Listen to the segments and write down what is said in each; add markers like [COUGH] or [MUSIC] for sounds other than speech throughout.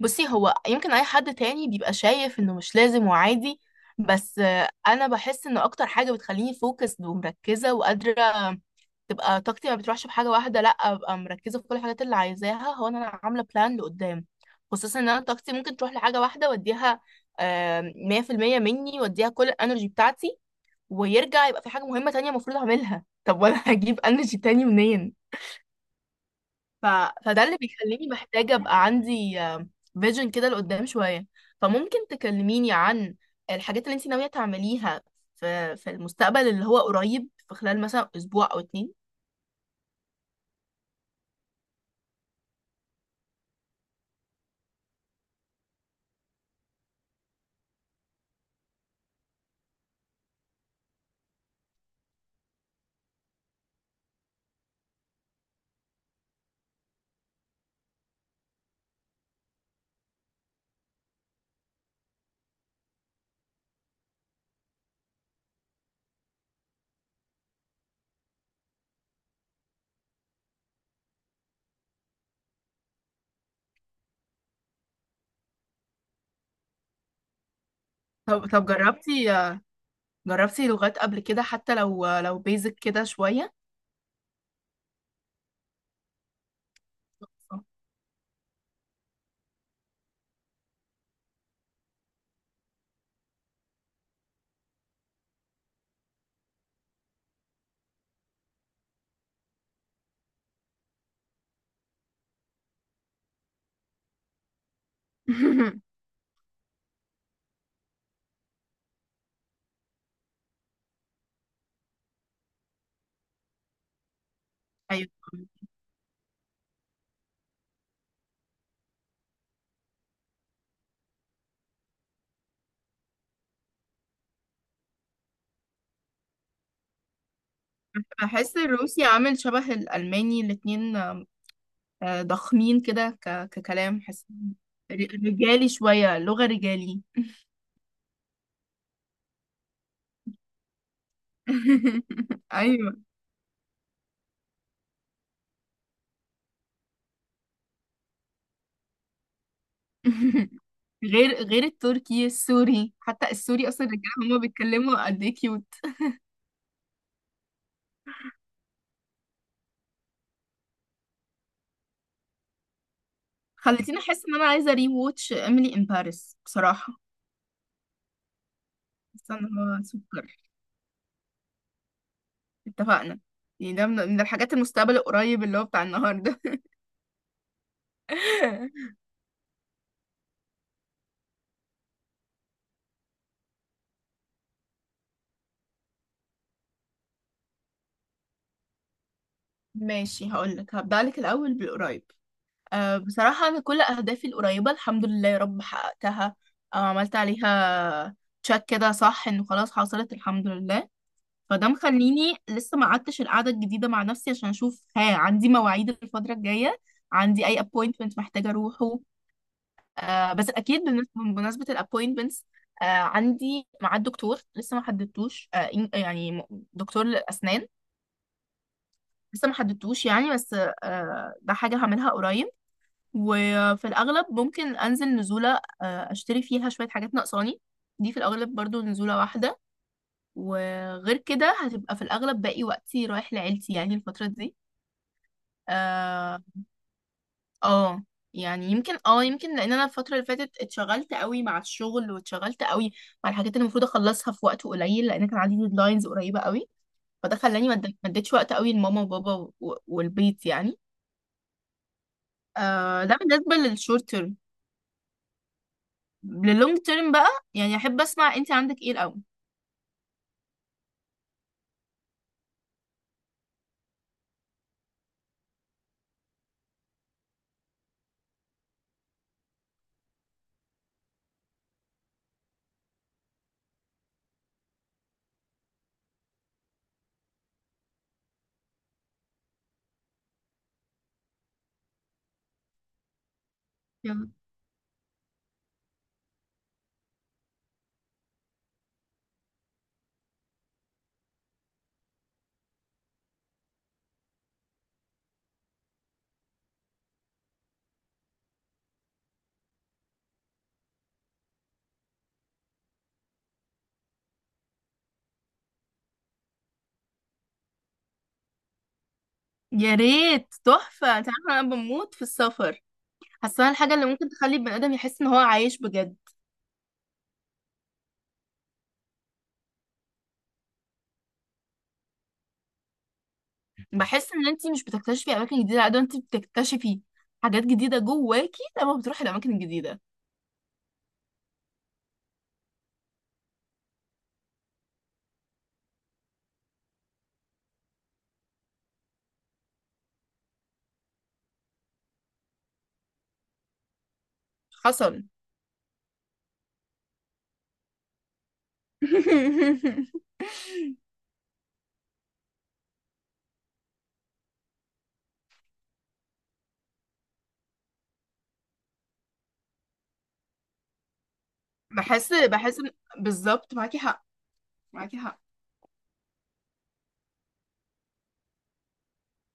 بصي، هو يمكن اي حد تاني بيبقى شايف انه مش لازم وعادي. بس انا بحس ان اكتر حاجه بتخليني فوكس ومركزه وقادره تبقى طاقتي ما بتروحش في حاجه واحده، لا ابقى مركزه في كل الحاجات اللي عايزاها، هو إن انا عامله بلان لقدام. خصوصا ان انا طاقتي ممكن تروح لحاجه واحده واديها 100% مني، واديها كل الانرجي بتاعتي، ويرجع يبقى في حاجه مهمه تانية المفروض اعملها. طب وانا [LAUGHS] هجيب انرجي تاني منين؟ ف... فده اللي بيخليني محتاجة أبقى عندي فيجن كده لقدام شوية. فممكن تكلميني عن الحاجات اللي انت ناوية تعمليها في المستقبل اللي هو قريب، في خلال مثلا أسبوع أو اتنين؟ طب جربتي لغات قبل كده، حتى لو بيزك كده شوية؟ آه. [LAUGHS] أيوة. بحس الروسي عامل شبه الألماني الاتنين، ضخمين كده ككلام، حس ر- رجالي، شوية لغة رجالي. [LAUGHS] أيوة. [LAUGHS] غير التركي السوري، حتى السوري اصلا الرجاله هما بيتكلموا قد ايه كيوت. خلتيني احس ان انا عايزه ري واتش ايميلي ان باريس بصراحه، حاسه ان هو سوبر. اتفقنا. يعني ده من الحاجات المستقبل القريب اللي هو بتاع النهارده. [LAUGHS] ماشي، هقولك هبدأ لك الأول بالقريب. بصراحة أنا كل أهدافي القريبة، الحمد لله يا رب، حققتها أو عملت عليها تشيك كده، صح إنه خلاص حصلت الحمد لله. فده مخليني لسه ما قعدتش القعده الجديده مع نفسي عشان اشوف ها عندي مواعيد الفتره الجايه، عندي اي ابوينتمنت محتاجه اروحه. بس اكيد بمناسبه الابوينتمنتس، عندي ميعاد دكتور لسه ما حددتوش، يعني دكتور للاسنان لسه ما حددتوش يعني. بس ده حاجه هعملها قريب. وفي الاغلب ممكن انزل نزوله اشتري فيها شويه حاجات ناقصاني، دي في الاغلب برضو نزوله واحده. وغير كده هتبقى في الأغلب باقي وقتي رايح لعيلتي يعني الفترة دي. اه. آه، يعني يمكن، يمكن لان انا الفتره اللي فاتت اتشغلت قوي مع الشغل، واتشغلت قوي مع الحاجات اللي المفروض اخلصها في وقت قليل، لان كان عندي ديدلاينز قريبه قوي، فده خلاني ما اديتش وقت قوي لماما وبابا والبيت يعني. ده بالنسبه للشورت تيرم. للونج تيرم بقى، يعني احب اسمع انت عندك ايه الاول. يلا. يا ريت تحفه، انت عارفه انا بموت في السفر. حاسه الحاجه اللي ممكن تخلي البني ادم يحس ان هو عايش بجد. بحس ان انت مش بتكتشفي اماكن جديده قد ما انت بتكتشفي حاجات جديده جواكي لما بتروحي الاماكن الجديده. حصل. [LAUGHS] بحس بالظبط، معاكي حق، معاكي حق.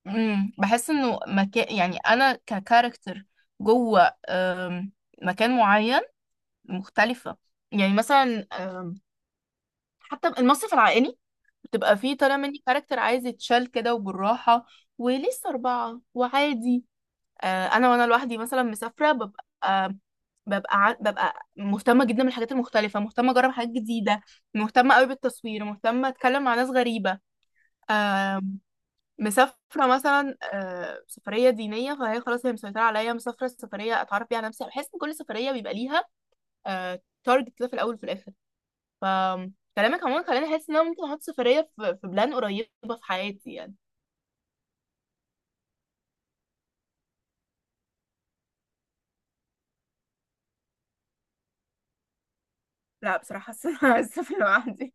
بحس انه مكان، يعني انا ككاركتر جوه مكان معين مختلفه. يعني مثلا حتى المصيف العائلي بتبقى فيه طالع مني كاركتر عايز يتشال كده وبالراحه ولسه اربعه وعادي. انا وانا لوحدي مثلا مسافره، ببقى ببقى مهتمه جدا بالحاجات المختلفه، مهتمه اجرب حاجات جديده، مهتمه قوي بالتصوير، مهتمه اتكلم مع ناس غريبه. آه، مسافره مثلا سفريه دينيه، فهي خلاص هي مسيطره عليا. مسافره سفريه اتعرف بيها على نفسي. بحس ان كل سفريه بيبقى ليها تارجت كده في الاول وفي الاخر. ف كلامك عموما خلاني احس ان انا ممكن احط سفريه في بلان قريبه في حياتي يعني. لا بصراحه حاسه [LAUGHS] إن انا عايزه اسافر لوحدي.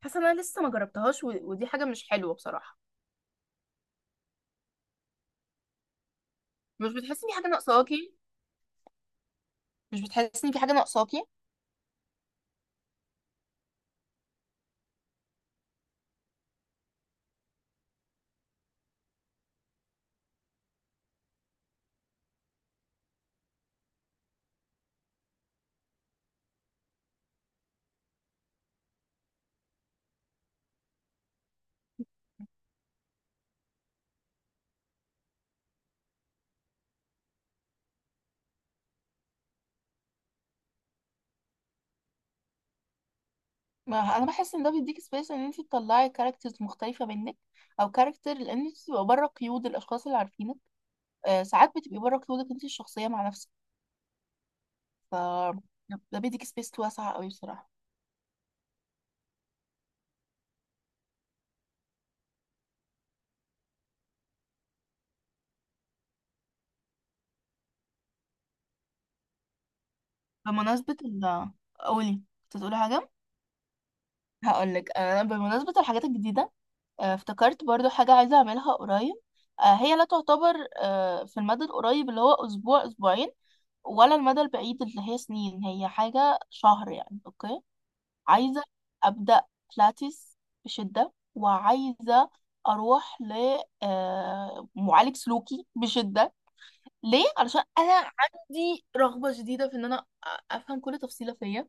حاسه ان انا لسه ما جربتهاش ودي حاجه مش حلوه بصراحه. مش بتحسي ان في حاجه ناقصاكي؟ مش بتحسي ان في حاجه ناقصاكي؟ ما انا بحس ان ده بيديك سبيس ان انت تطلعي كاركترز مختلفه منك، او كاركتر، لان انت بتبقى بره قيود الاشخاص اللي عارفينك. آه ساعات بتبقي بره قيودك انت الشخصيه مع نفسك. ف ده بيديك سبيس واسعه قوي بصراحه. بمناسبه ال قولي، كنت هتقولي حاجه. هقول لك انا بمناسبه الحاجات الجديده، افتكرت برضو حاجة عايزة أعملها قريب. هي لا تعتبر في المدى القريب اللي هو أسبوع أسبوعين، ولا المدى البعيد اللي هي سنين، هي حاجة شهر يعني. أوكي، عايزة أبدأ بلاتيس بشدة، وعايزة أروح لمعالج سلوكي بشدة. ليه؟ علشان أنا عندي رغبة شديدة في إن أنا أفهم كل تفصيلة فيا،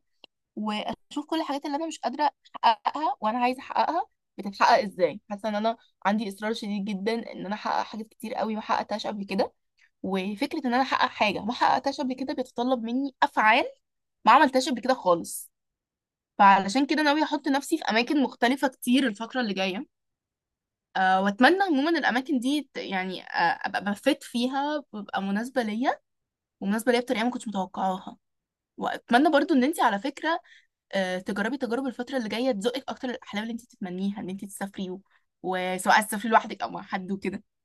واشوف كل الحاجات اللي انا مش قادره احققها وانا عايزه احققها بتتحقق ازاي. حاسه ان انا عندي اصرار شديد جدا ان انا احقق حاجات كتير قوي ما حققتهاش قبل كده، وفكره ان انا احقق حاجه ما حققتهاش قبل كده بيتطلب مني افعال ما عملتهاش قبل كده خالص. فعلشان كده ناويه احط نفسي في اماكن مختلفه كتير الفتره اللي جايه. واتمنى عموما الاماكن دي يعني ابقى بفت فيها وابقى مناسبه ليا، ومناسبه ليا بطريقه ما كنتش متوقعاها. واتمنى برضو ان انت على فكره تجربي تجارب الفترة اللي جاية تزقك أكتر الأحلام اللي أنت تتمنيها إن أنت تسافري وسواء عايزة تسافري لوحدك أو مع حد وكده.